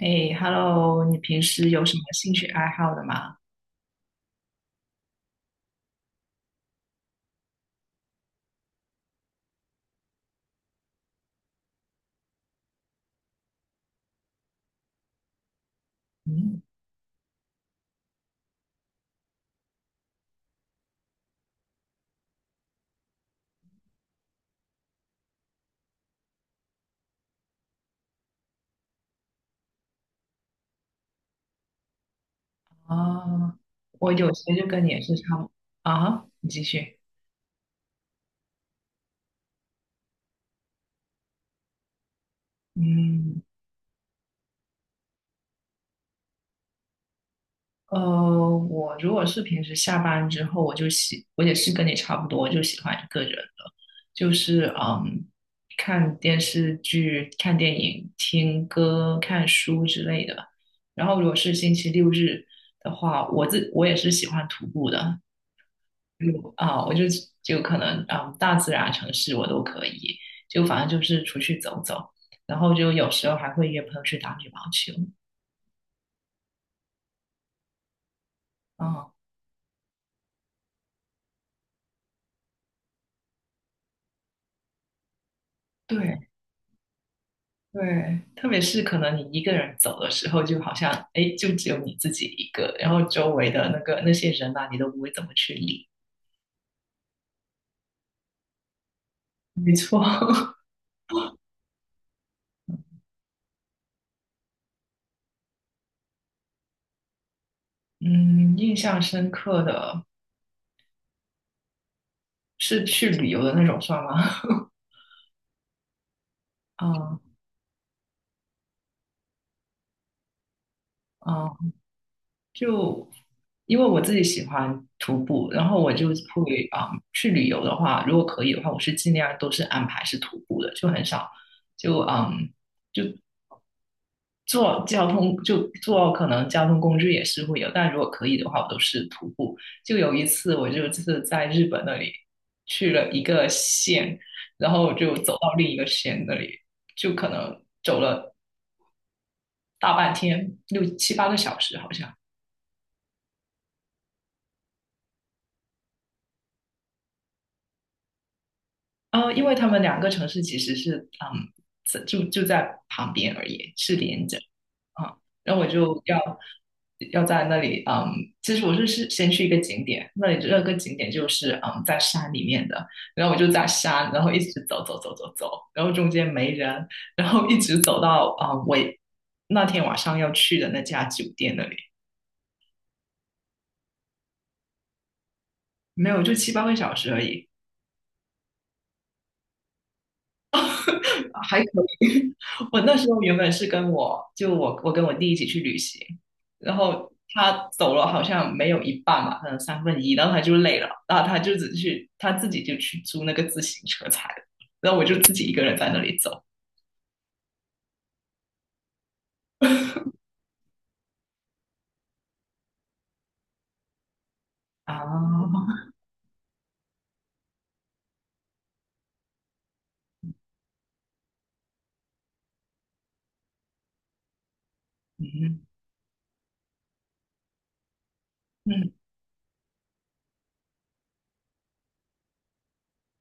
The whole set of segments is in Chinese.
哎，Hello，你平时有什么兴趣爱好的吗？嗯。哦，我有些就跟你也是差不，啊，你继续。嗯。呃，我如果是平时下班之后，我就喜，我也是跟你差不多，就喜欢一个人的，就是看电视剧、看电影、听歌、看书之类的。然后如果是星期六日的话，我也是喜欢徒步的。啊，我就可能，大自然、城市我都可以，就反正就是出去走走，然后就有时候还会约朋友去打羽毛球。啊。对，对，特别是可能你一个人走的时候，就好像哎，就只有你自己一个，然后周围的那个那些人啊，你都不会怎么去理。没错。嗯，印象深刻的是去旅游的那种算吗？啊啊、嗯就因为我自己喜欢徒步，然后我就会去旅游的话，如果可以的话，我是尽量都是安排是徒步的，就很少就就坐交通就坐可能交通工具也是会有，但如果可以的话，我都是徒步。就有一次我就是在日本那里去了一个县，然后就走到另一个县那里，就可能走了大半天，6、7、8个小时好像。因为他们两个城市其实是就在旁边而已，是连着啊。然后我就要在那里。嗯，其实我是先去一个景点，那里那个景点就是在山里面的，然后我就在山，然后一直走走走走走，然后中间没人，然后一直走到我那天晚上要去的那家酒店那里。没有就七八个小时而已。还可以。我那时候原本是跟我就我我跟我弟一起去旅行，然后他走了好像没有一半吧，可能1/3，然后他就累了，然后他就只去他自己就去租那个自行车踩了，然后我就自己一个人在那里走。啊，嗯，嗯，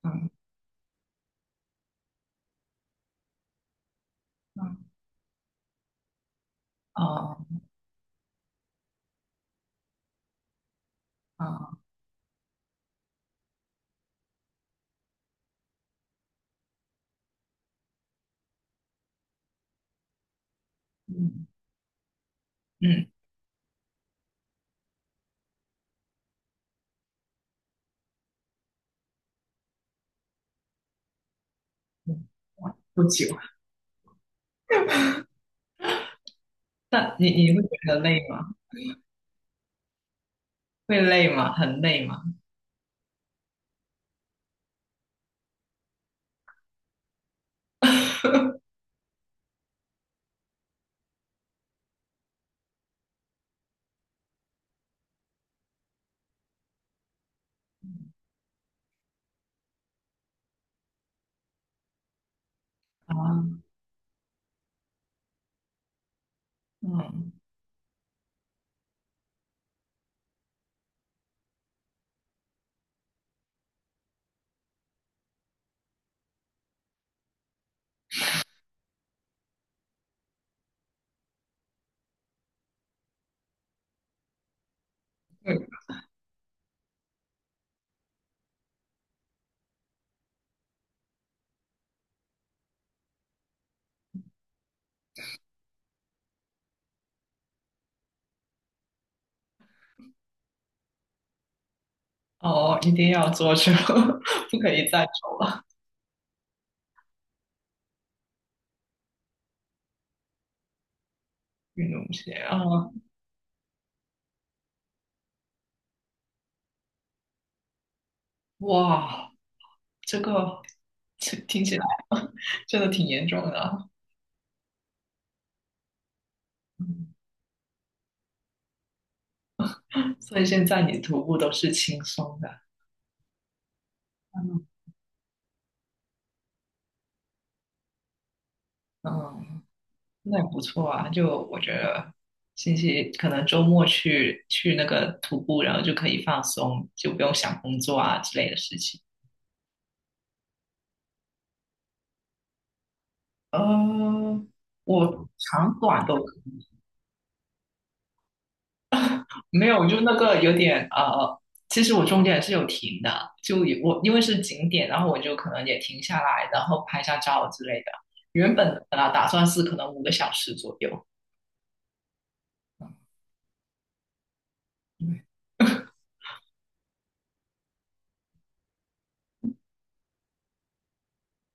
嗯，嗯。哦，哦。嗯，嗯，嗯。不久。但你会觉得累吗？会累吗？很累吗？啊。嗯。哦，一定要坐车，不可以再穿运动鞋啊！嗯。哇，这个这听起来 真的挺严重的啊嗯，所以现在你徒步都是轻松的。嗯，嗯，那也不错啊。就我觉得星期可能周末去去那个徒步，然后就可以放松，就不用想工作啊之类的事情。呃，我长短都可以。没有，就那个有点其实我中间也是有停的，就也我因为是景点，然后我就可能也停下来，然后拍下照之类的。原本本来打算是可能5个小时左右。嗯，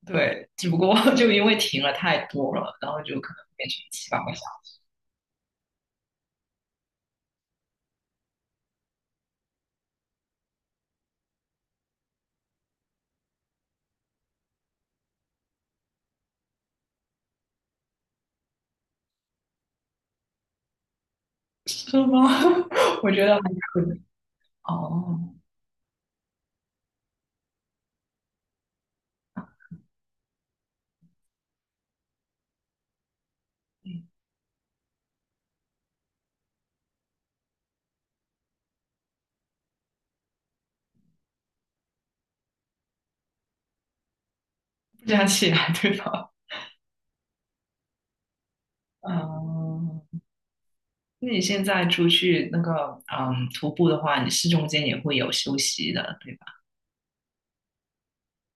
对，只不过 就因为停了太多了，然后就可能变成七八个小时，是吗？我觉得还可以哦。嗯这样起来对吧 嗯，那你现在出去那个徒步的话，你是中间也会有休息的，对吧？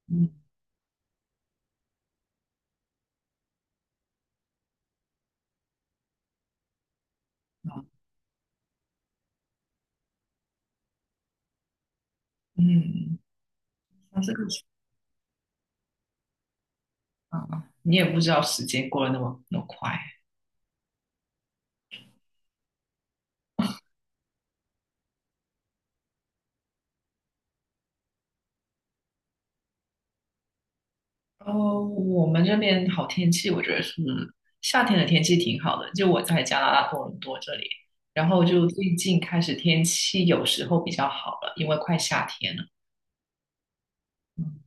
嗯。嗯，那这个是，啊，你也不知道时间过得那么那么快。哦，我们这边好天气，我觉得是夏天的天气挺好的。就我在加拿大多伦多这里，然后就最近开始天气有时候比较好了，因为快夏天了。嗯。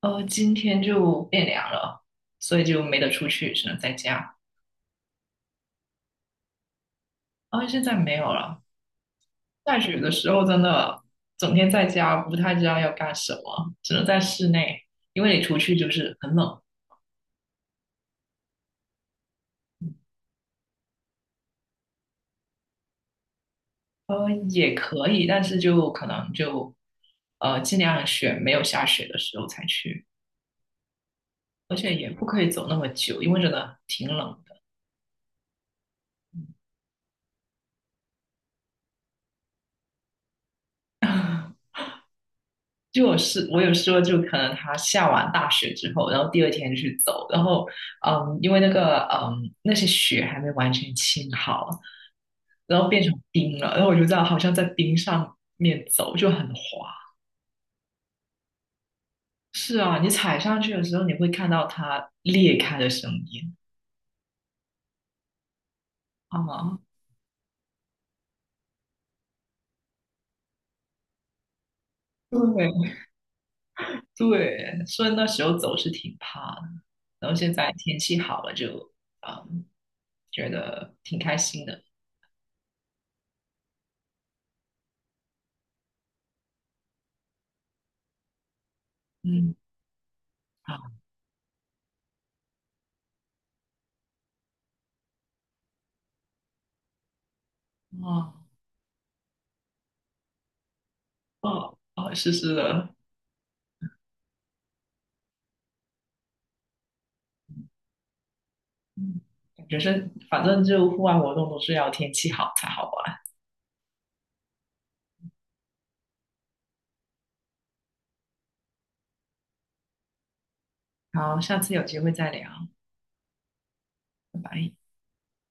今天就变凉了，所以就没得出去，只能在家。啊，现在没有了。下雪的时候真的整天在家，不太知道要干什么，只能在室内，因为你出去就是很冷。也可以，但是就可能就尽量选没有下雪的时候才去，而且也不可以走那么久，因为真的挺冷的。就我有说，就可能他下完大雪之后，然后第二天去走，然后，因为那个那些雪还没完全清好，然后变成冰了，然后我就这样好像在冰上面走，就很滑。是啊，你踩上去的时候，你会看到它裂开的声音啊。对，对，所以那时候走是挺怕的，然后现在天气好了就，嗯，觉得挺开心的。嗯。啊。哦，哦，哦，是是的。嗯。感觉是，反正就户外活动都是要天气好才好玩。好，下次有机会再聊，拜拜。